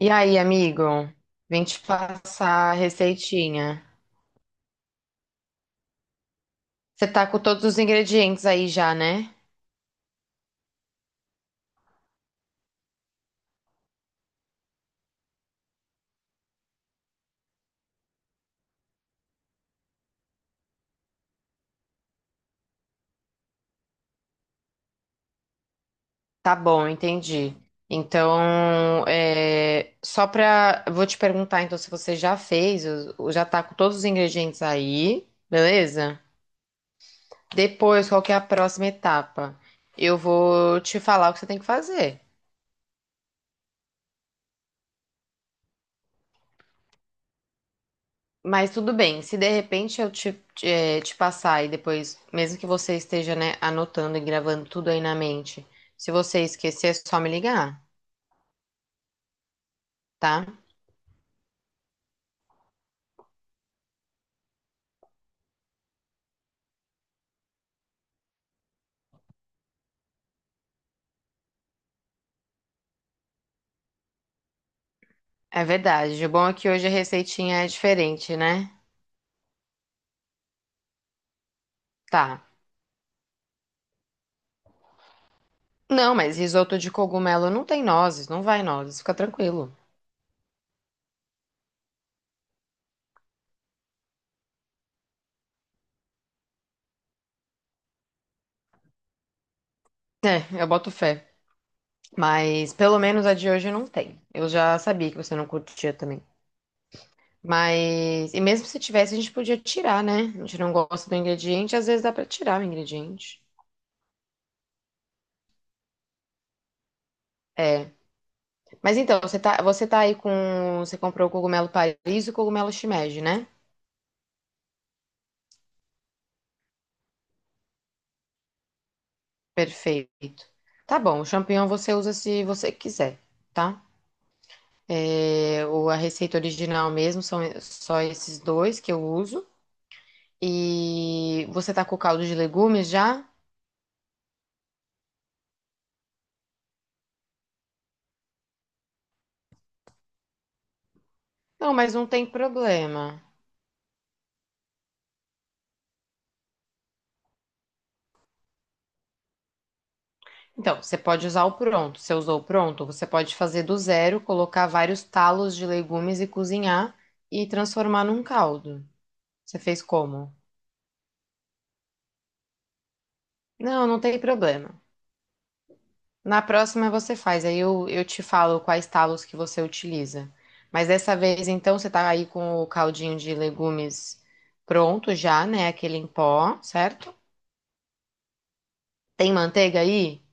E aí, amigo? Vim te passar a receitinha. Você tá com todos os ingredientes aí já, né? Tá bom, entendi. Então, é, só pra. Vou te perguntar então se você já fez, já tá com todos os ingredientes aí, beleza? Depois, qual que é a próxima etapa? Eu vou te falar o que você tem que fazer. Mas tudo bem, se de repente eu te passar e depois, mesmo que você esteja, né, anotando e gravando tudo aí na mente, se você esquecer, é só me ligar, tá? É verdade. O bom é que hoje a receitinha é diferente, né? Tá. Não, mas risoto de cogumelo não tem nozes, não vai nozes, fica tranquilo. É, eu boto fé. Mas pelo menos a de hoje não tem. Eu já sabia que você não curtia também. Mas, e mesmo se tivesse, a gente podia tirar, né? A gente não gosta do ingrediente, às vezes dá pra tirar o ingrediente. É. Mas então, você tá aí com. Você comprou o cogumelo Paris e o cogumelo shimeji, né? Perfeito. Tá bom, o champignon você usa se você quiser, tá? É, a receita original mesmo são só esses dois que eu uso. E você tá com o caldo de legumes já? Não, mas não tem problema. Então, você pode usar o pronto. Você usou o pronto, você pode fazer do zero, colocar vários talos de legumes e cozinhar e transformar num caldo. Você fez como? Não, não tem problema. Na próxima você faz, aí eu te falo quais talos que você utiliza. Mas dessa vez, então, você tá aí com o caldinho de legumes pronto já, né? Aquele em pó, certo? Tem manteiga aí?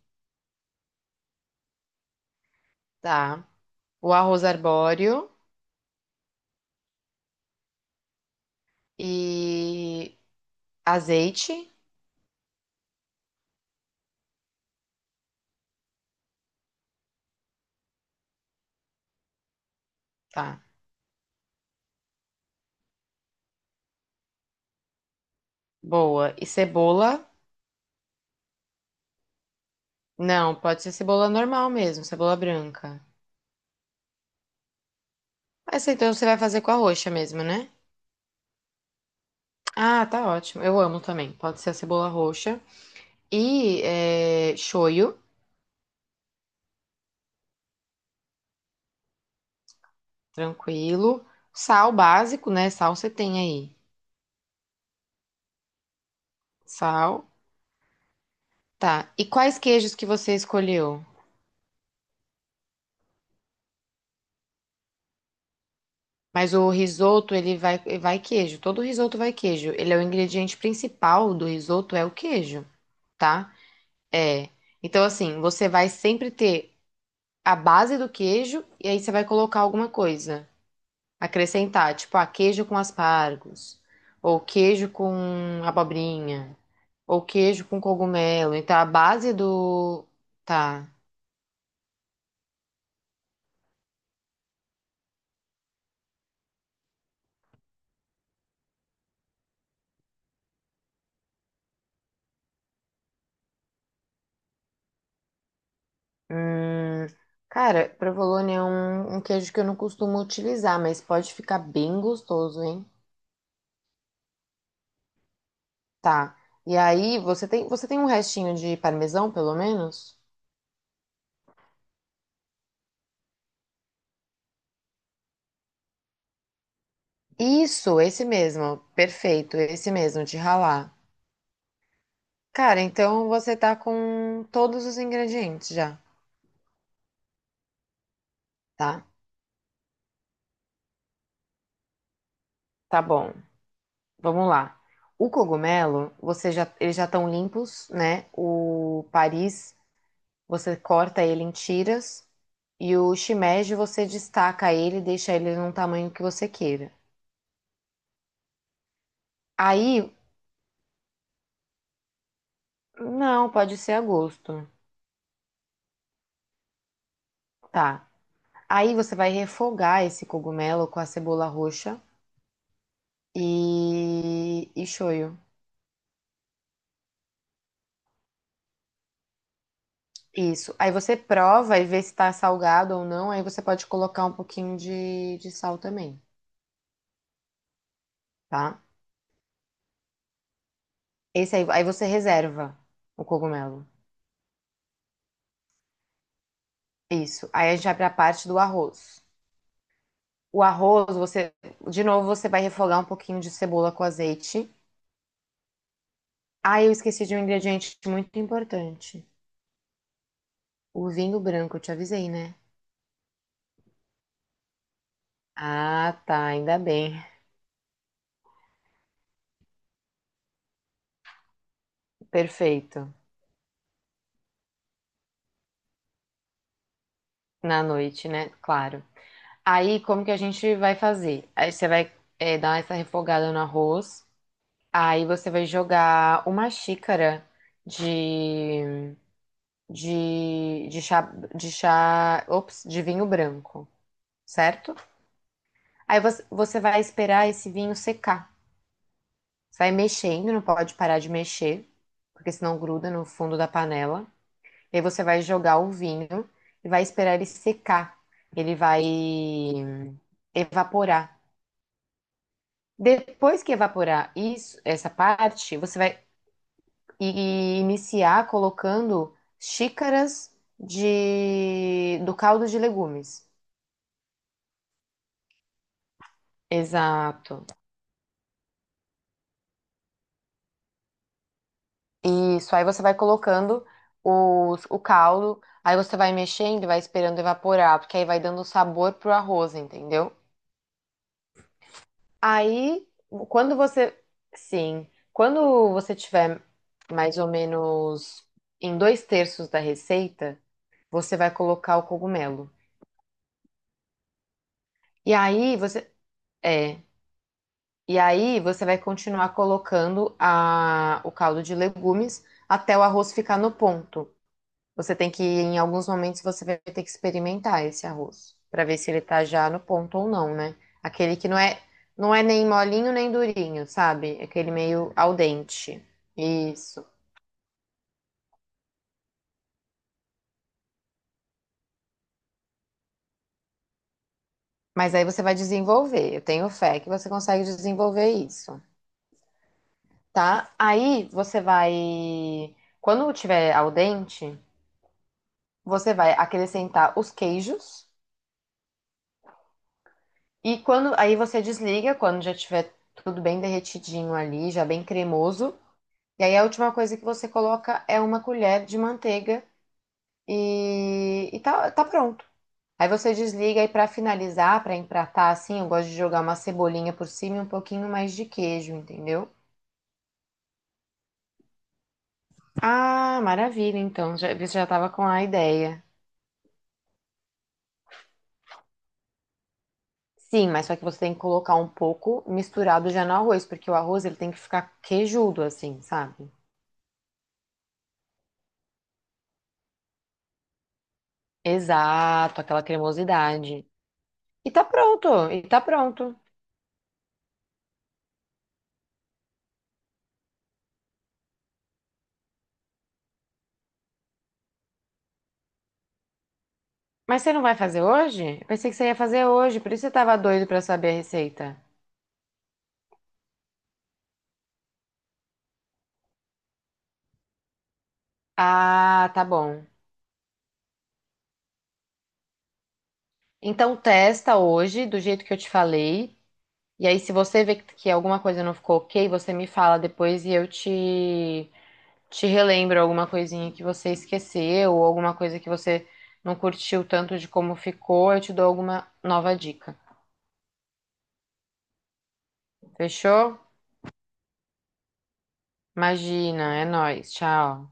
Tá. O arroz arbóreo e azeite, tá. Boa. E cebola? Não, pode ser cebola normal mesmo, cebola branca. Essa então você vai fazer com a roxa mesmo, né? Ah, tá ótimo. Eu amo também. Pode ser a cebola roxa. E é, shoyu, tranquilo. Sal básico, né? Sal você tem aí. Sal, tá. E quais queijos que você escolheu? Mas o risoto, vai queijo. Todo risoto vai queijo. Ele é o ingrediente principal do risoto, é o queijo, tá? É. Então, assim, você vai sempre ter a base do queijo e aí você vai colocar alguma coisa. Acrescentar, tipo, ah, queijo com aspargos, ou queijo com abobrinha, ou queijo com cogumelo. Então, a base do. Tá. Hum, cara, provolone é um queijo que eu não costumo utilizar, mas pode ficar bem gostoso, hein? Tá. E aí, você tem um restinho de parmesão, pelo menos? Isso, esse mesmo. Perfeito, esse mesmo, de ralar. Cara, então você tá com todos os ingredientes já, tá? Tá bom. Vamos lá. O cogumelo, você já, eles já estão limpos, né? O Paris, você corta ele em tiras. E o shimeji, você destaca ele e deixa ele num tamanho que você queira. Aí, não, pode ser a gosto. Tá. Aí você vai refogar esse cogumelo com a cebola roxa e shoyu. Isso. Aí você prova e vê se tá salgado ou não. Aí você pode colocar um pouquinho de sal também, tá? Esse aí, aí você reserva o cogumelo. Isso. Aí a gente vai para a parte do arroz. O arroz, você, de novo, você vai refogar um pouquinho de cebola com azeite. Ah, eu esqueci de um ingrediente muito importante. O vinho branco, eu te avisei, né? Ah, tá, ainda bem. Perfeito. Na noite, né? Claro. Aí, como que a gente vai fazer? Aí você vai dar essa refogada no arroz. Aí você vai jogar uma xícara de de, de chá, de chá, ops, de vinho branco, certo? Aí você vai esperar esse vinho secar. Você vai mexendo, não pode parar de mexer, porque senão gruda no fundo da panela. E aí você vai jogar o vinho e vai esperar ele secar. Ele vai evaporar. Depois que evaporar isso, essa parte, você vai iniciar colocando xícaras de do caldo de legumes. Exato. Isso. Aí você vai colocando o caldo, aí você vai mexendo e vai esperando evaporar, porque aí vai dando sabor pro arroz, entendeu? Aí, quando você. Sim. Quando você tiver mais ou menos em dois terços da receita, você vai colocar o cogumelo. E aí você. É. E aí você vai continuar colocando o caldo de legumes até o arroz ficar no ponto. Você tem que, em alguns momentos, você vai ter que experimentar esse arroz para ver se ele tá já no ponto ou não, né? Aquele que não é nem molinho nem durinho, sabe? É aquele meio al dente. Isso. Mas aí você vai desenvolver. Eu tenho fé que você consegue desenvolver isso, tá? Aí você vai, quando tiver al dente, você vai acrescentar os queijos e quando aí você desliga quando já tiver tudo bem derretidinho ali, já bem cremoso. E aí a última coisa que você coloca é uma colher de manteiga e tá, tá pronto. Aí você desliga e para finalizar, para empratar assim, eu gosto de jogar uma cebolinha por cima e um pouquinho mais de queijo, entendeu? Ah, maravilha, então, já, você já tava com a ideia. Sim, mas só que você tem que colocar um pouco misturado já no arroz, porque o arroz ele tem que ficar queijudo assim, sabe? Exato, aquela cremosidade. E tá pronto, e tá pronto. Mas você não vai fazer hoje? Eu pensei que você ia fazer hoje, por isso eu tava doido pra saber a receita. Ah, tá bom. Então testa hoje, do jeito que eu te falei. E aí, se você vê que alguma coisa não ficou ok, você me fala depois e eu te relembro alguma coisinha que você esqueceu ou alguma coisa que você não curtiu tanto de como ficou. Eu te dou alguma nova dica. Fechou? Imagina, é nóis. Tchau.